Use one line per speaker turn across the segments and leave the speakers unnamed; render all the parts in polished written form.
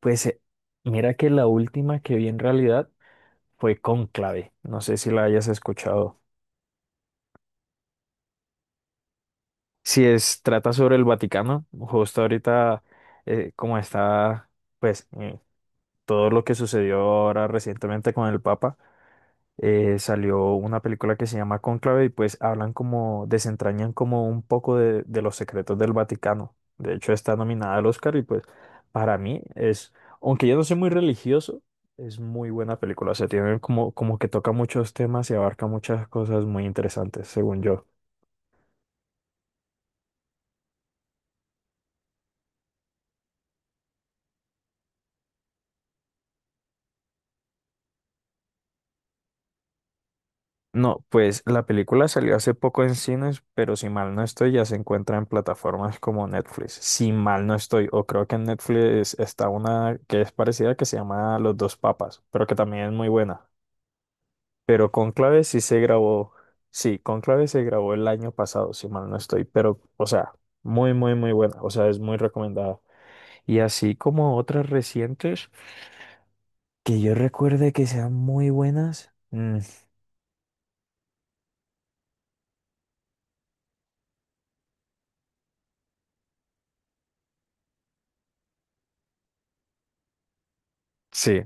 Pues mira que la última que vi en realidad fue Cónclave. No sé si la hayas escuchado. Si es, trata sobre el Vaticano, justo ahorita como está, pues, eh, todo lo que sucedió ahora recientemente con el Papa. Salió una película que se llama Cónclave y pues hablan como, desentrañan como un poco de los secretos del Vaticano. De hecho, está nominada al Oscar y pues para mí es, aunque yo no soy muy religioso, es muy buena película. O sea, tiene como, como que toca muchos temas y abarca muchas cosas muy interesantes, según yo. No, pues la película salió hace poco en cines, pero si mal no estoy, ya se encuentra en plataformas como Netflix. Si mal no estoy, o creo que en Netflix está una que es parecida que se llama Los dos Papas, pero que también es muy buena. Pero Conclave sí se grabó, sí, Conclave se grabó el año pasado, si mal no estoy, pero, o sea, muy, muy, muy buena, o sea, es muy recomendada. Y así como otras recientes que yo recuerde que sean muy buenas. Sí,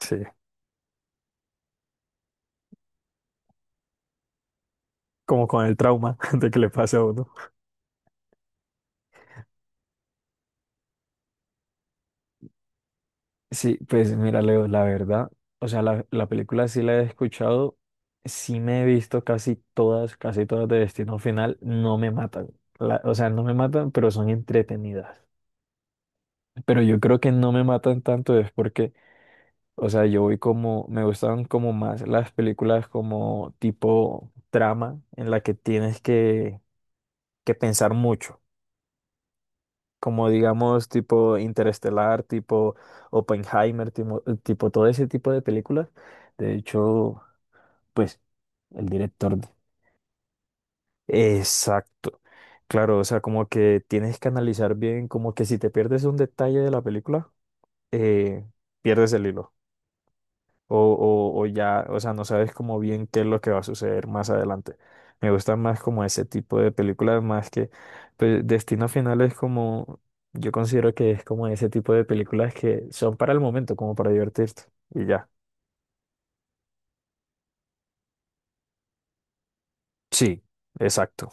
sí. Como con el trauma de que le pase a uno. Sí, pues mira, Leo, la verdad, o sea, la película sí la he escuchado, sí me he visto casi todas de Destino Final, no me matan. O sea, no me matan, pero son entretenidas. Pero yo creo que no me matan tanto es porque, o sea, yo voy como, me gustan como más las películas como tipo trama en la que tienes que pensar mucho. Como digamos tipo Interestelar, tipo Oppenheimer, tipo, tipo todo ese tipo de películas. De hecho, pues el director... Exacto. Claro, o sea, como que tienes que analizar bien, como que si te pierdes un detalle de la película, eh, pierdes el hilo. o, o ya, o sea, no sabes como bien qué es lo que va a suceder más adelante. Me gustan más como ese tipo de películas, más que pues, Destino Final es como, yo considero que es como ese tipo de películas que son para el momento, como para divertirte. Y ya. Sí, exacto.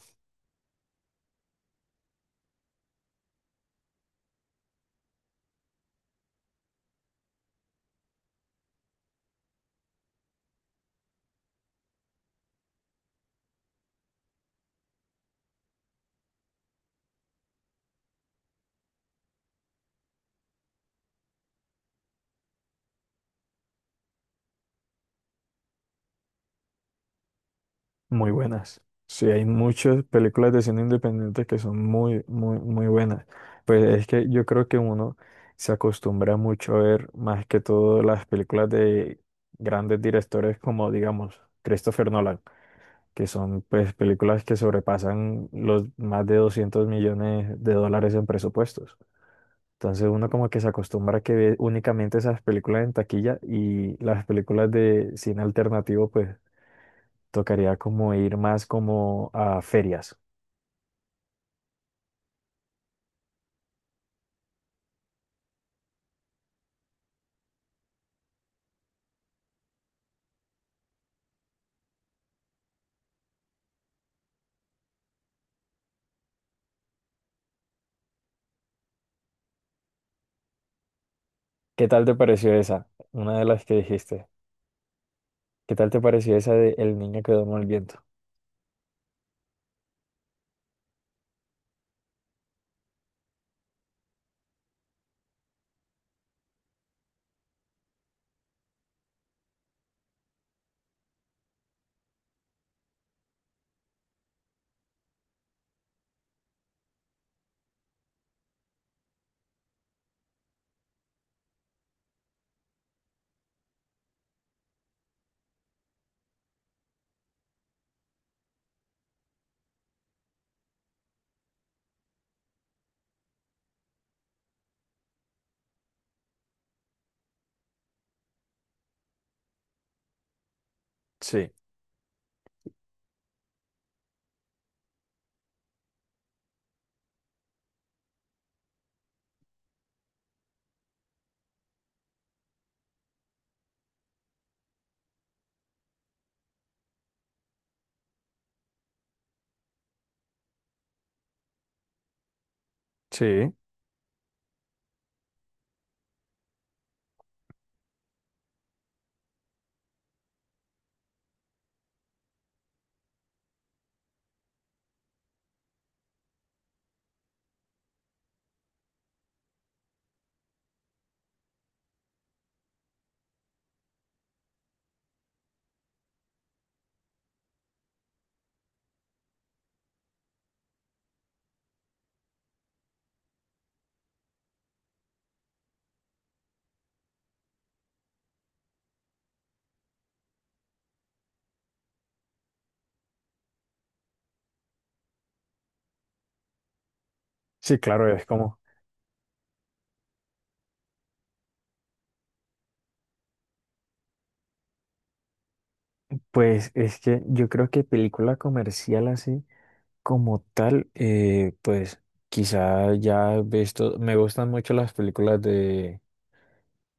Muy buenas. Sí, hay muchas películas de cine independiente que son muy, muy, muy buenas. Pues es que yo creo que uno se acostumbra mucho a ver más que todo las películas de grandes directores como, digamos, Christopher Nolan, que son pues películas que sobrepasan los más de $200 millones en presupuestos. Entonces uno como que se acostumbra a que ve únicamente esas películas en taquilla y las películas de cine alternativo pues tocaría como ir más como a ferias. ¿Qué tal te pareció esa? Una de las que dijiste. ¿Qué tal te pareció esa de El niño que duerme al viento? Sí, sí. Sí, claro, es como, pues es que yo creo que película comercial así como tal, pues quizá ya he visto, me gustan mucho las películas de,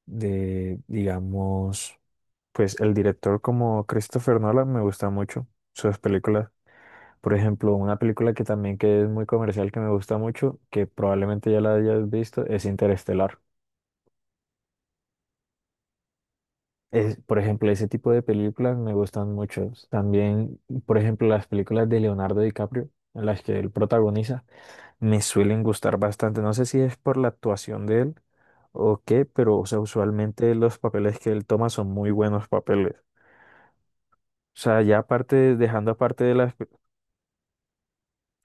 de, digamos, pues el director como Christopher Nolan me gusta mucho sus películas. Por ejemplo, una película que también que es muy comercial, que me gusta mucho, que probablemente ya la hayas visto, es Interestelar. Es, por ejemplo, ese tipo de películas me gustan mucho. También, por ejemplo, las películas de Leonardo DiCaprio, en las que él protagoniza, me suelen gustar bastante. No sé si es por la actuación de él o qué, pero o sea, usualmente los papeles que él toma son muy buenos papeles. O sea, ya aparte, dejando aparte de las... pe-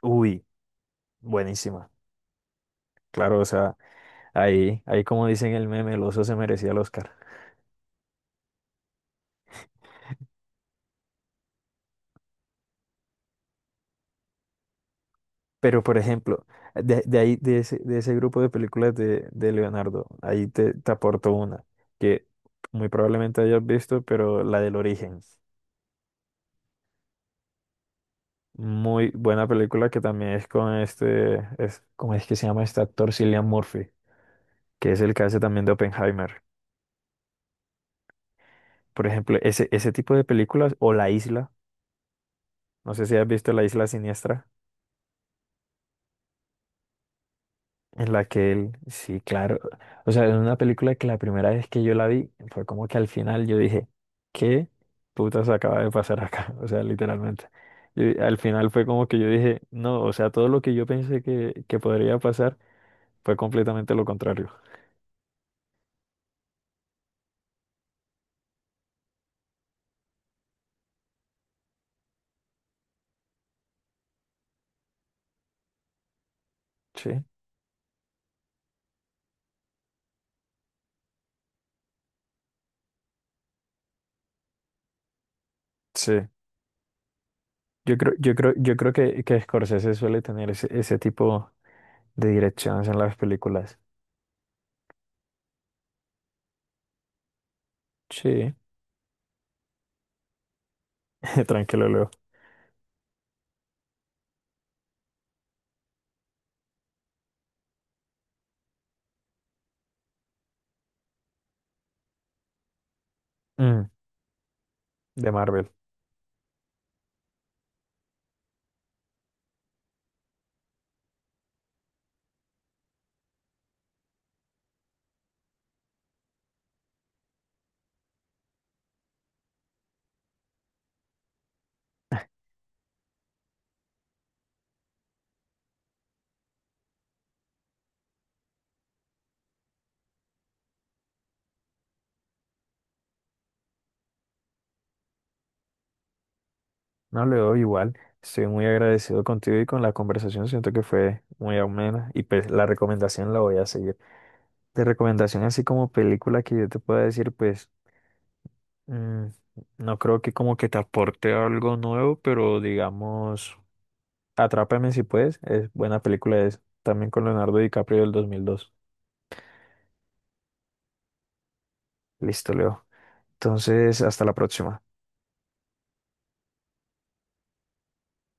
Uy, buenísima. Claro, o sea... Ahí, ahí como dicen el meme, el oso se merecía el Oscar. Pero, por ejemplo, de ese grupo de películas de Leonardo, ahí te aporto una que muy probablemente hayas visto, pero la del origen. Muy buena película que también es con este, es, ¿cómo es que se llama este actor? Cillian Murphy, que es el que hace también de Oppenheimer. Por ejemplo, ese tipo de películas, o La Isla, no sé si has visto La Isla Siniestra. En la que él, sí, claro. O sea, es una película que la primera vez que yo la vi fue como que al final yo dije, ¿qué putas acaba de pasar acá? O sea, literalmente. Y al final fue como que yo dije, no, o sea, todo lo que yo pensé que podría pasar fue completamente lo contrario. Sí, sí. Yo creo que Scorsese suele tener ese tipo de direcciones en las películas. Sí, tranquilo, Leo. Mm, de Marvel. No le doy igual. Estoy muy agradecido contigo y con la conversación. Siento que fue muy amena y pues la recomendación la voy a seguir. De recomendación así como película que yo te pueda decir, pues mm, no creo que como que te aporte algo nuevo, pero digamos, Atrápame si puedes. Es buena película, es también con Leonardo DiCaprio del 2002. Listo, Leo. Entonces, hasta la próxima.